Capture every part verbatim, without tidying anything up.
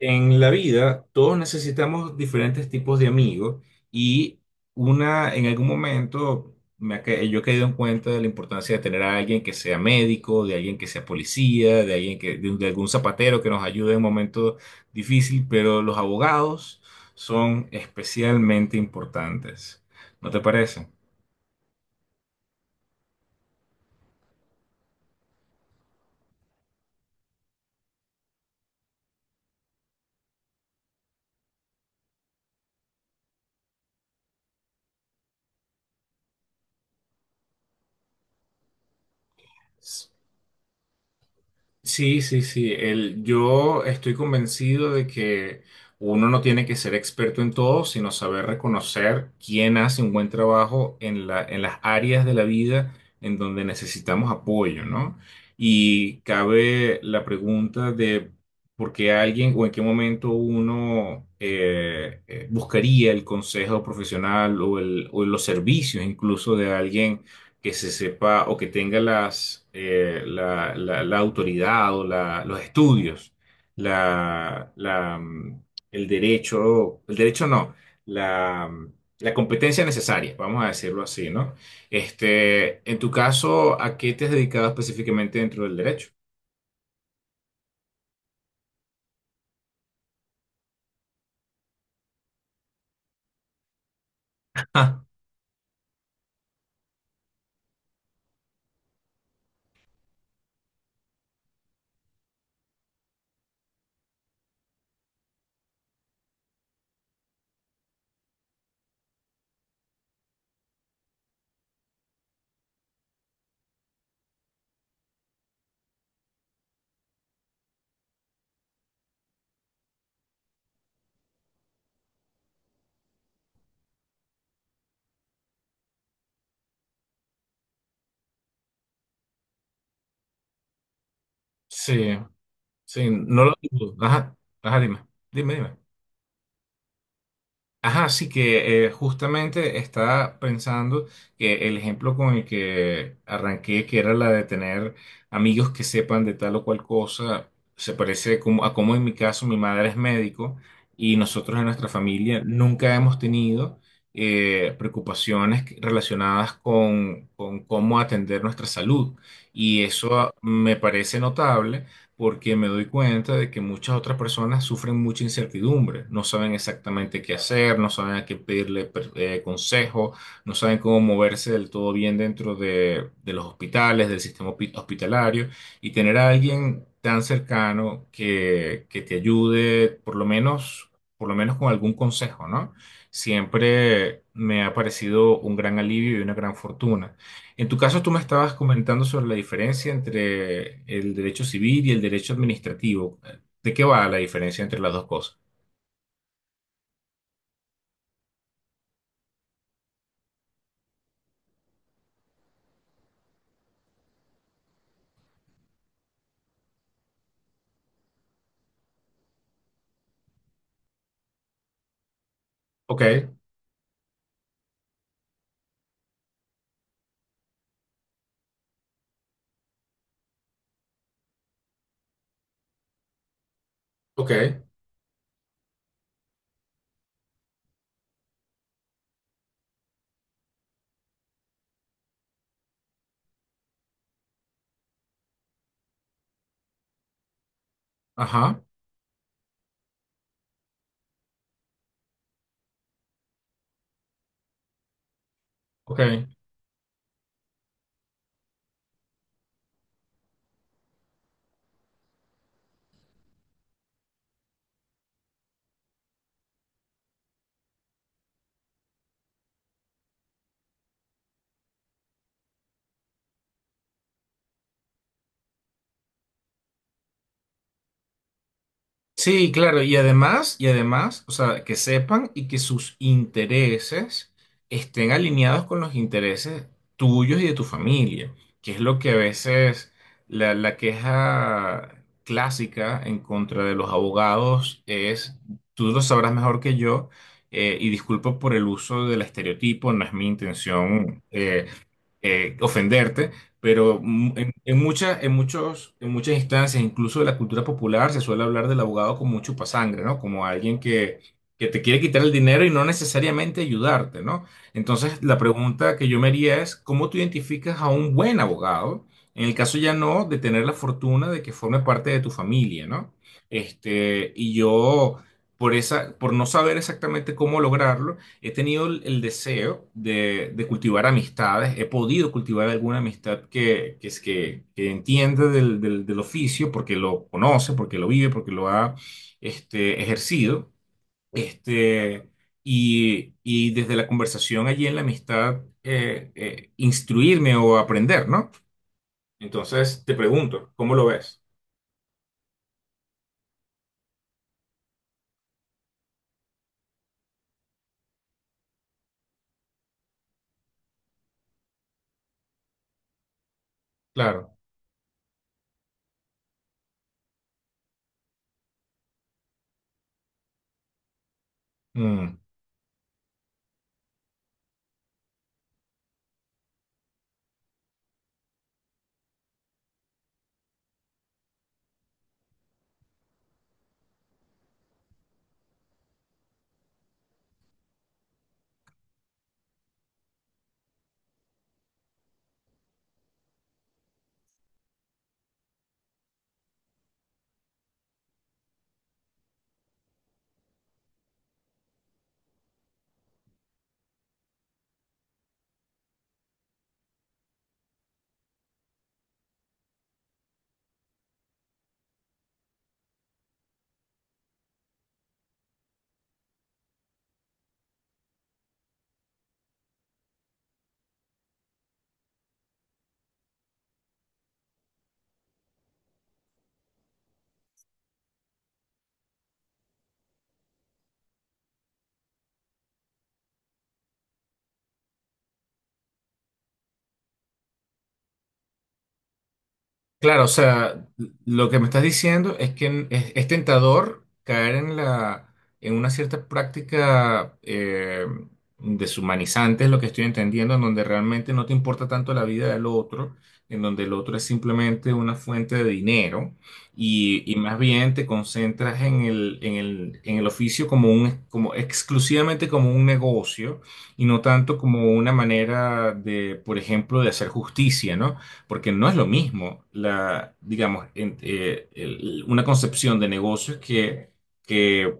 En la vida, todos necesitamos diferentes tipos de amigos y una, en algún momento, me ha ca- yo he caído en cuenta de la importancia de tener a alguien que sea médico, de alguien que sea policía, de alguien que, de, un- de algún zapatero que nos ayude en un momento difícil, pero los abogados son especialmente importantes. ¿No te parece? Sí, sí, sí. El, yo estoy convencido de que uno no tiene que ser experto en todo, sino saber reconocer quién hace un buen trabajo en la, en las áreas de la vida en donde necesitamos apoyo, ¿no? Y cabe la pregunta de por qué alguien o en qué momento uno eh, eh, buscaría el consejo profesional o, el, o los servicios incluso de alguien que se sepa o que tenga las, eh, la, la- la autoridad o la- los estudios, la, la, mm, el derecho, el derecho no, la, mm, la competencia necesaria, vamos a decirlo así, ¿no? Este, en tu caso, ¿a qué te has dedicado específicamente dentro del derecho? Sí, sí, no lo dudo. Ajá, ajá, dime, dime, dime. Ajá, sí que eh, justamente estaba pensando que el ejemplo con el que arranqué, que era la de tener amigos que sepan de tal o cual cosa, se parece como, a como en mi caso mi madre es médico y nosotros en nuestra familia nunca hemos tenido eh, preocupaciones que- relacionadas con, con cómo atender nuestra salud. Y eso me parece notable porque me doy cuenta de que muchas otras personas sufren mucha incertidumbre, no saben exactamente qué hacer, no saben a qué pedirle per- eh, consejo, no saben cómo moverse del todo bien dentro de, de los hospitales, del sistema hospi- hospitalario, y tener a alguien tan cercano que, que te ayude por lo menos, por lo menos con algún consejo, ¿no? Siempre me ha parecido un gran alivio y una gran fortuna. En tu caso, tú me estabas comentando sobre la diferencia entre el derecho civil y el derecho administrativo. ¿De qué va la diferencia entre las dos cosas? Ok, ok. Ajá, ok. Sí, claro, y además, y además, o sea, que sepan y que sus intereses estén alineados con los intereses tuyos y de tu familia, que es lo que a veces la, la queja clásica en contra de los abogados es, tú lo sabrás mejor que yo, eh, y disculpa por el uso del estereotipo, no es mi intención, eh, eh, ofenderte, pero mm, en, en muchas, en muchos, en muchas instancias, incluso de la cultura popular, se suele hablar del abogado como un chupasangre, ¿no? Como alguien que, que te quiere quitar el dinero y no necesariamente ayudarte, ¿no? Entonces, la pregunta que yo me haría es, ¿cómo tú identificas a un buen abogado? En el caso ya no de tener la fortuna de que forme parte de tu familia, ¿no? Este, y yo, por esa, por no saber exactamente cómo lograrlo, he tenido el el deseo de, de cultivar amistades, he podido cultivar alguna amistad que, que, es que, que entiende del, del, del oficio, porque lo conoce, porque lo vive, porque lo ha este, ejercido. Este, y, y desde la conversación allí en la amistad, eh, eh, instruirme o aprender, ¿no? Entonces te pregunto, ¿cómo lo ves? Claro. Mm. Claro, o sea, lo que me estás diciendo es que en- es, es tentador caer en la, en una cierta práctica eh, deshumanizante, es lo que estoy entendiendo, en donde realmente no te importa tanto la vida del otro, en donde el otro es simplemente una fuente de dinero y, y más bien te concentras en el, en el, en el oficio como un, como exclusivamente como un negocio y no tanto como una manera de, por ejemplo, de hacer justicia, ¿no? Porque no es lo mismo, la, digamos, en- eh, el- una concepción de negocios que, que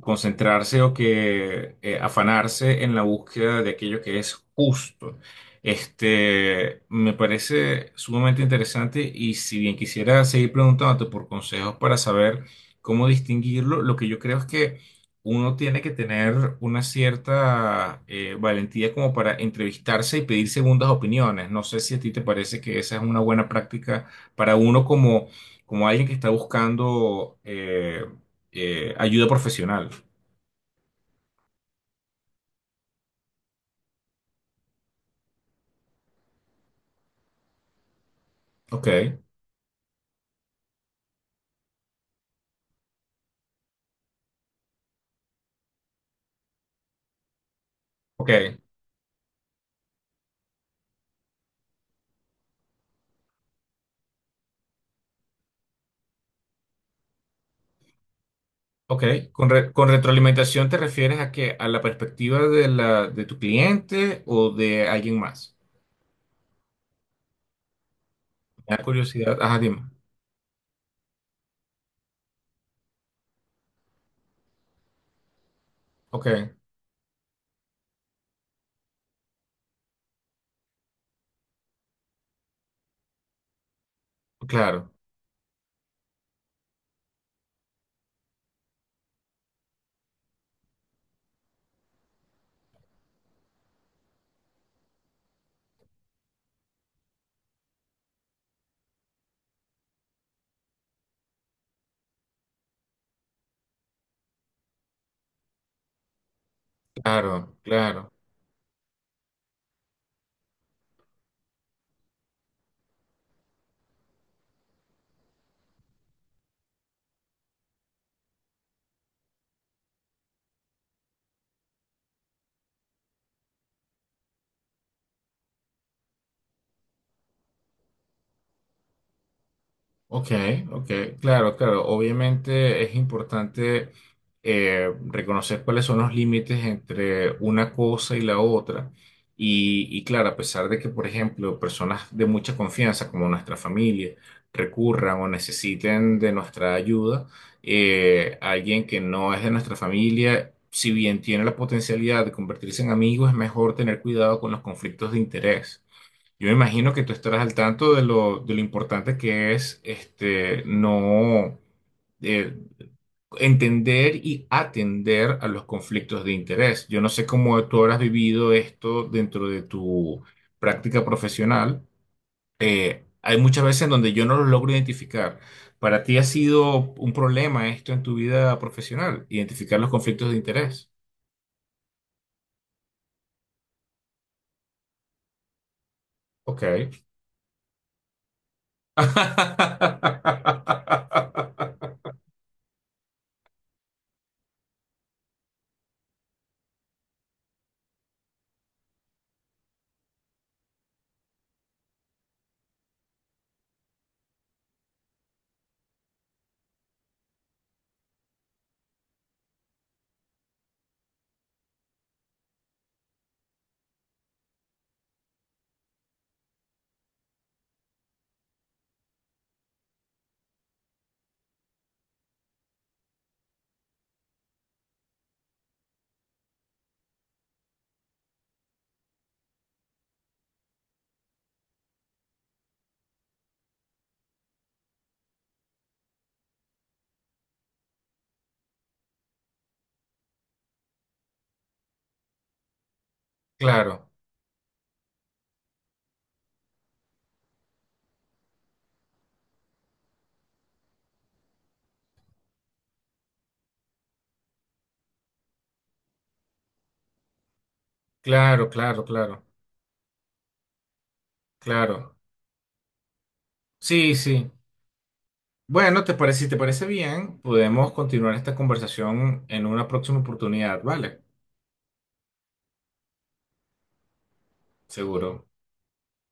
concentrarse o que eh, afanarse en la búsqueda de aquello que es justo. Este, me parece sumamente interesante y si bien quisiera seguir preguntándote por consejos para saber cómo distinguirlo, lo que yo creo es que uno tiene que tener una cierta eh, valentía como para entrevistarse y pedir segundas opiniones. No sé si a ti te parece que esa es una buena práctica para uno como, como alguien que está buscando eh, eh, ayuda profesional. Ok, ok, ok. Con, re- con retroalimentación te refieres a que a la perspectiva de la, de tu cliente o de alguien más. Me da curiosidad. Ajá, dime. Ok, claro, claro, claro. Ok, ok, claro, claro. Obviamente es importante eh, reconocer cuáles son los límites entre una cosa y la otra. Y, y claro, a pesar de que, por ejemplo, personas de mucha confianza, como nuestra familia, recurran o necesiten de nuestra ayuda, eh, alguien que no es de nuestra familia, si bien tiene la potencialidad de convertirse en amigo, es mejor tener cuidado con los conflictos de interés. Yo me imagino que tú estarás al tanto de lo, de lo importante que es este, no eh, entender y atender a los conflictos de interés. Yo no sé cómo tú habrás vivido esto dentro de tu práctica profesional. Eh, hay muchas veces en donde yo no lo logro identificar. ¿Para ti ha sido un problema esto en tu vida profesional? Identificar los conflictos de interés. Ok. Claro, claro, claro, claro. Claro, sí, sí. Bueno, te parece, si te parece bien, podemos continuar esta conversación en una próxima oportunidad, ¿vale? Seguro.